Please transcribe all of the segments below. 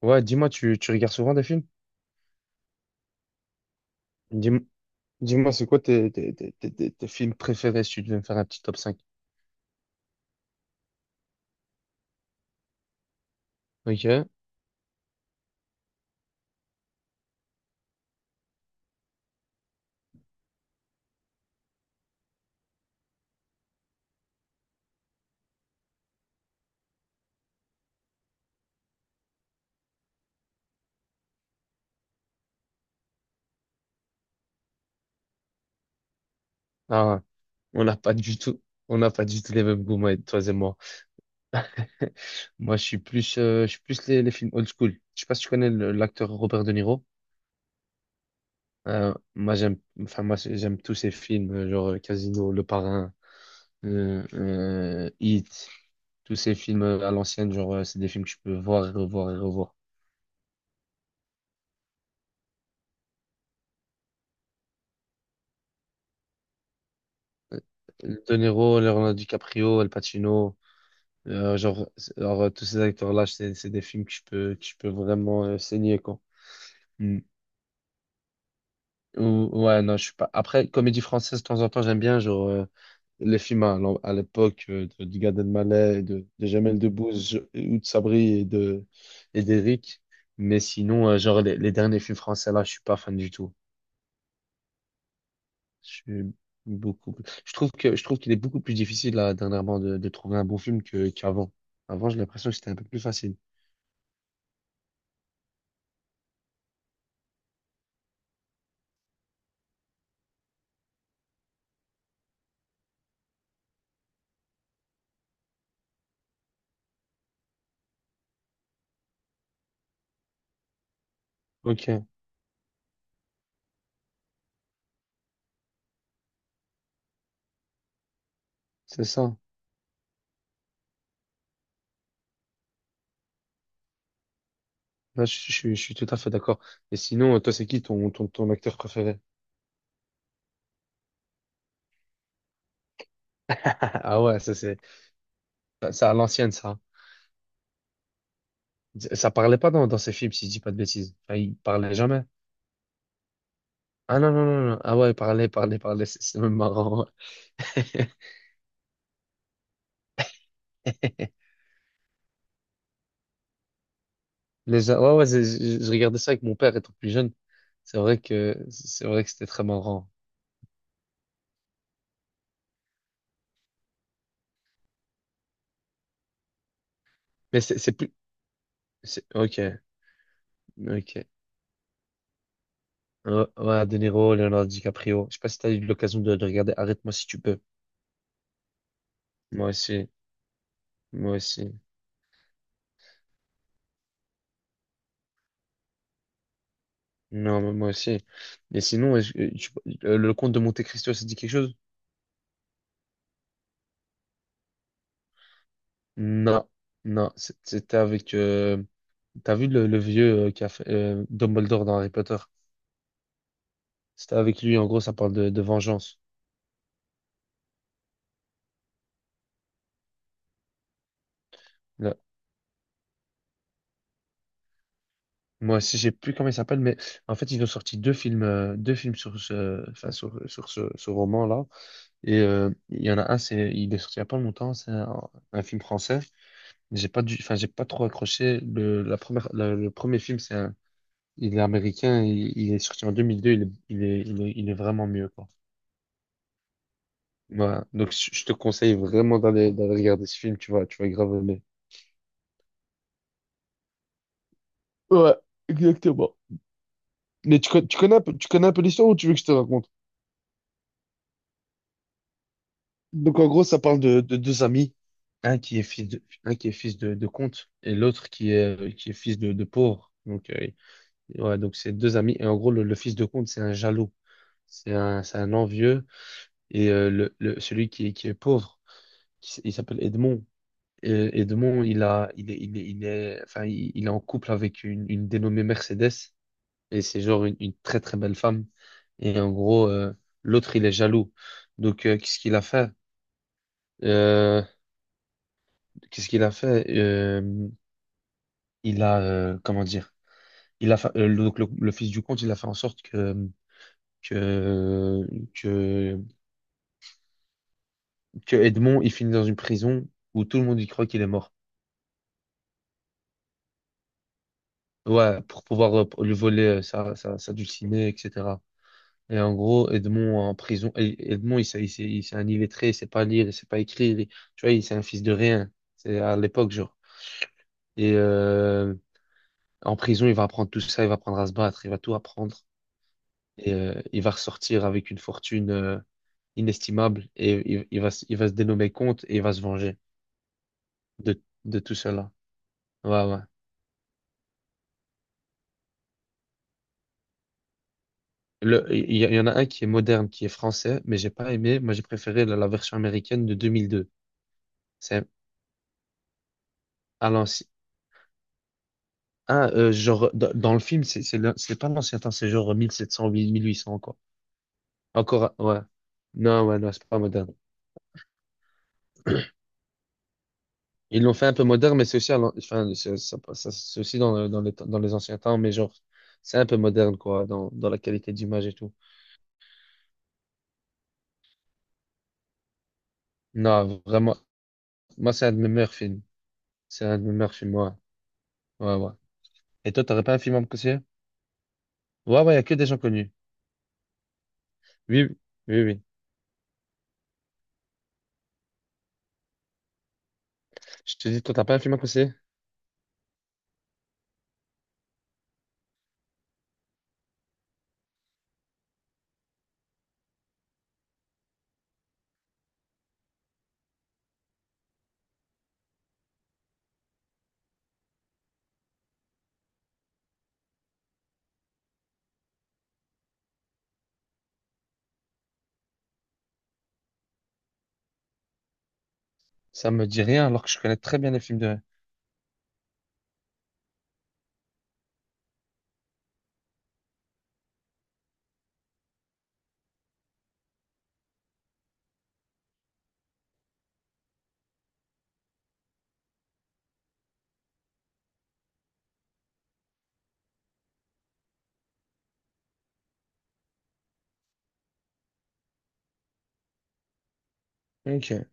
Ouais, dis-moi, tu regardes souvent des films? Dis-moi, dis-moi, c'est quoi tes films préférés si tu devais me faire un petit top cinq. Ok. Ah, on n'a pas du tout, on n'a pas du tout les mêmes goûts, moi, toi et moi. Moi, je suis plus les films old school. Je sais pas si tu connais l'acteur Robert De Niro. Moi, j'aime, enfin, moi, j'aime tous ces films, genre Casino, Le Parrain, Heat, tous ces films à l'ancienne, genre, c'est des films que je peux voir et revoir et revoir. De Niro, Leonardo DiCaprio, Al Pacino. Genre, tous ces acteurs-là, c'est des films que je peux vraiment saigner, quoi. Hmm. Ouais, non, je suis pas. Après, comédie française, de temps en temps, j'aime bien, genre, les films à, à l'époque de, du Gad Elmaleh, et de Jamel Debbouze, ou de Sabri et d'Éric. Mais sinon, genre, les derniers films français, là, je suis pas fan du tout. Je suis beaucoup. Plus- Je trouve que je trouve qu'il est beaucoup plus difficile, là, dernièrement, de, trouver un bon film qu'avant. Avant, j'ai l'impression que c'était un peu plus facile. Ok, c'est ça. Ouais, je suis tout à fait d'accord. Et sinon, toi, c'est qui ton acteur préféré? Ah ouais, ça c'est ça à l'ancienne ça. Ça parlait pas dans ces films si je dis pas de bêtises. Enfin, il parlait jamais. Ah non non non non. Ah ouais, il parlait parlait parlait. C'est même marrant. Ouais. Ouais ouais, je regardais ça avec mon père étant plus jeune. C'est vrai que c'était très marrant. Mais c'est plus, c'est ok ok. Ouais, ouais, De Niro, Leonardo DiCaprio. Je sais pas si t'as eu l'occasion de regarder. Arrête-moi si tu peux. Moi aussi moi aussi. Non, mais moi aussi. Et sinon, est-ce que le comte de Monte-Cristo, ça dit quelque chose? Non, non. C'était avec. T'as vu le vieux qui a fait Dumbledore dans Harry Potter? C'était avec lui. En gros, ça parle de vengeance. Là. Moi aussi, j'ai plus comment il s'appelle, mais en fait, ils ont sorti deux films sur ce, enfin, sur ce, roman-là. Et il y en a un, il est sorti il y a pas longtemps. C'est un film français. J'ai pas dû, enfin, j'ai pas trop accroché. Le, la première, le premier film, c'est un. Il est américain, il est sorti en 2002, il est vraiment mieux, quoi. Voilà. Donc, je te conseille vraiment d'aller regarder ce film, tu vas grave aimer. Ouais, exactement. Mais tu connais un peu l'histoire ou tu veux que je te raconte? Donc, en gros, ça parle de deux amis, un qui est fils de, un qui est fils de comte et l'autre qui est fils de pauvre. Donc, ouais, donc c'est deux amis. Et en gros, le fils de comte, c'est un jaloux. C'est un envieux. Et celui qui est pauvre, il s'appelle Edmond. Et, Edmond il a, il est, il est, il est, enfin, il est en couple avec une dénommée Mercedes. Et c'est genre une très très belle femme. Et en gros, l'autre, il est jaloux. Donc, qu'est-ce qu'il a fait? Euh, qu'est-ce qu'il a fait? Comment dire? Il a, fa- le- donc le fils du comte, il a fait en sorte que, que, que Edmond, il finit dans une prison où tout le monde y croit qu'il est mort. Ouais, pour pouvoir lui voler sa dulcinée, etc. Et en gros, Edmond en prison, Edmond, il s'est un illettré, il sait pas lire, il sait pas écrire, tu vois, il c'est un fils de rien, c'est à l'époque, genre. Et en prison, il va apprendre tout ça, il va apprendre à se battre, il va tout apprendre, et il va ressortir avec une fortune inestimable, et il va se dénommer comte, et il va se venger de, tout cela. Ouais, ouais. Il y en a un qui est moderne, qui est français, mais j'ai pas aimé, moi j'ai préféré la version américaine de 2002. C'est à l'ancienne. Ah, genre, dans le film, c'est pas l'ancien temps, c'est genre 1700 1800 encore. Encore, ouais. Non, ouais, non, c'est pas moderne. Ils l'ont fait un peu moderne, mais c'est aussi, enfin, c'est aussi dans, dans, dans les anciens temps, mais genre, c'est un peu moderne, quoi, dans la qualité d'image et tout. Non, vraiment, moi, c'est un de mes meilleurs films. C'est un de mes meilleurs films, ouais. Ouais, ouais. Et toi, t'aurais pas un film à me conseiller? Ouais, ouais, y a que des gens connus. Oui, oui, oui. Je te dis, toi, t'as pas un film à me conseiller? Ça me dit rien, alors que je connais très bien les films de. Ok,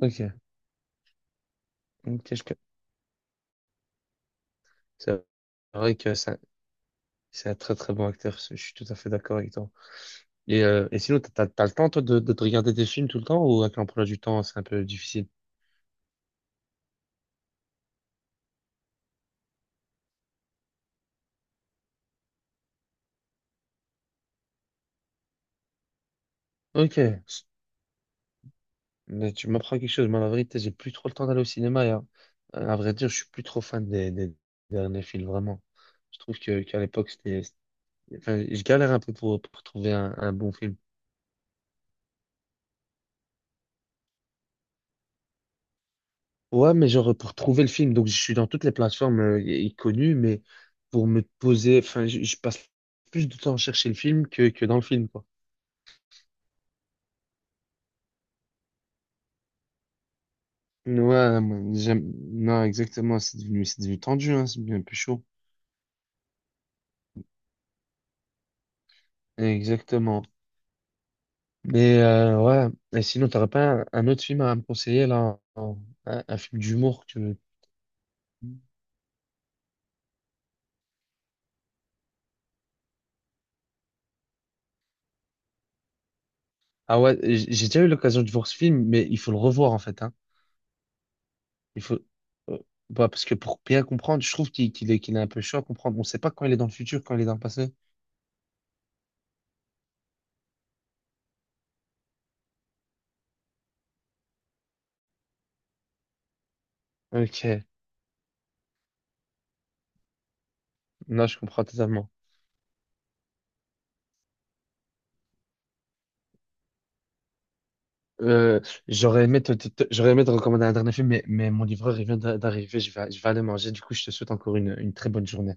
ok, ok, je. C'est vrai que c'est un très très bon acteur, je suis tout à fait d'accord avec toi. Et sinon, t'as le temps toi de te regarder des films tout le temps ou avec l'emploi du temps, c'est un peu difficile? Ok, mais tu m'apprends quelque chose, moi la vérité, j'ai plus trop le temps d'aller au cinéma. Et, à vrai dire, je suis plus trop fan des derniers films, vraiment. Je trouve que qu'à l'époque, c'était. Enfin, je galère un peu pour trouver un bon film. Ouais, mais genre pour trouver le film, donc je suis dans toutes les plateformes y- y connues, mais pour me poser, enfin, je passe plus de temps à chercher le film que dans le film, quoi. Ouais, moi, j'aime, non, exactement, c'est devenu tendu, hein, c'est devenu un peu chaud. Exactement. Mais ouais, et sinon, t'aurais pas un autre film à me conseiller, là, un film d'humour que tu veux. Ah ouais, j'ai déjà eu l'occasion de voir ce film, mais il faut le revoir, en fait, hein. Il faut, euh, bah, parce que pour bien comprendre, je trouve qu'il est un peu chaud à comprendre. On ne sait pas quand il est dans le futur, quand il est dans le passé. Ok, non, je comprends totalement. Euh, j'aurais aimé te recommander un dernier film, mais mon livreur, il vient d'arriver. Je vais aller manger. Du coup, je te souhaite encore une très bonne journée.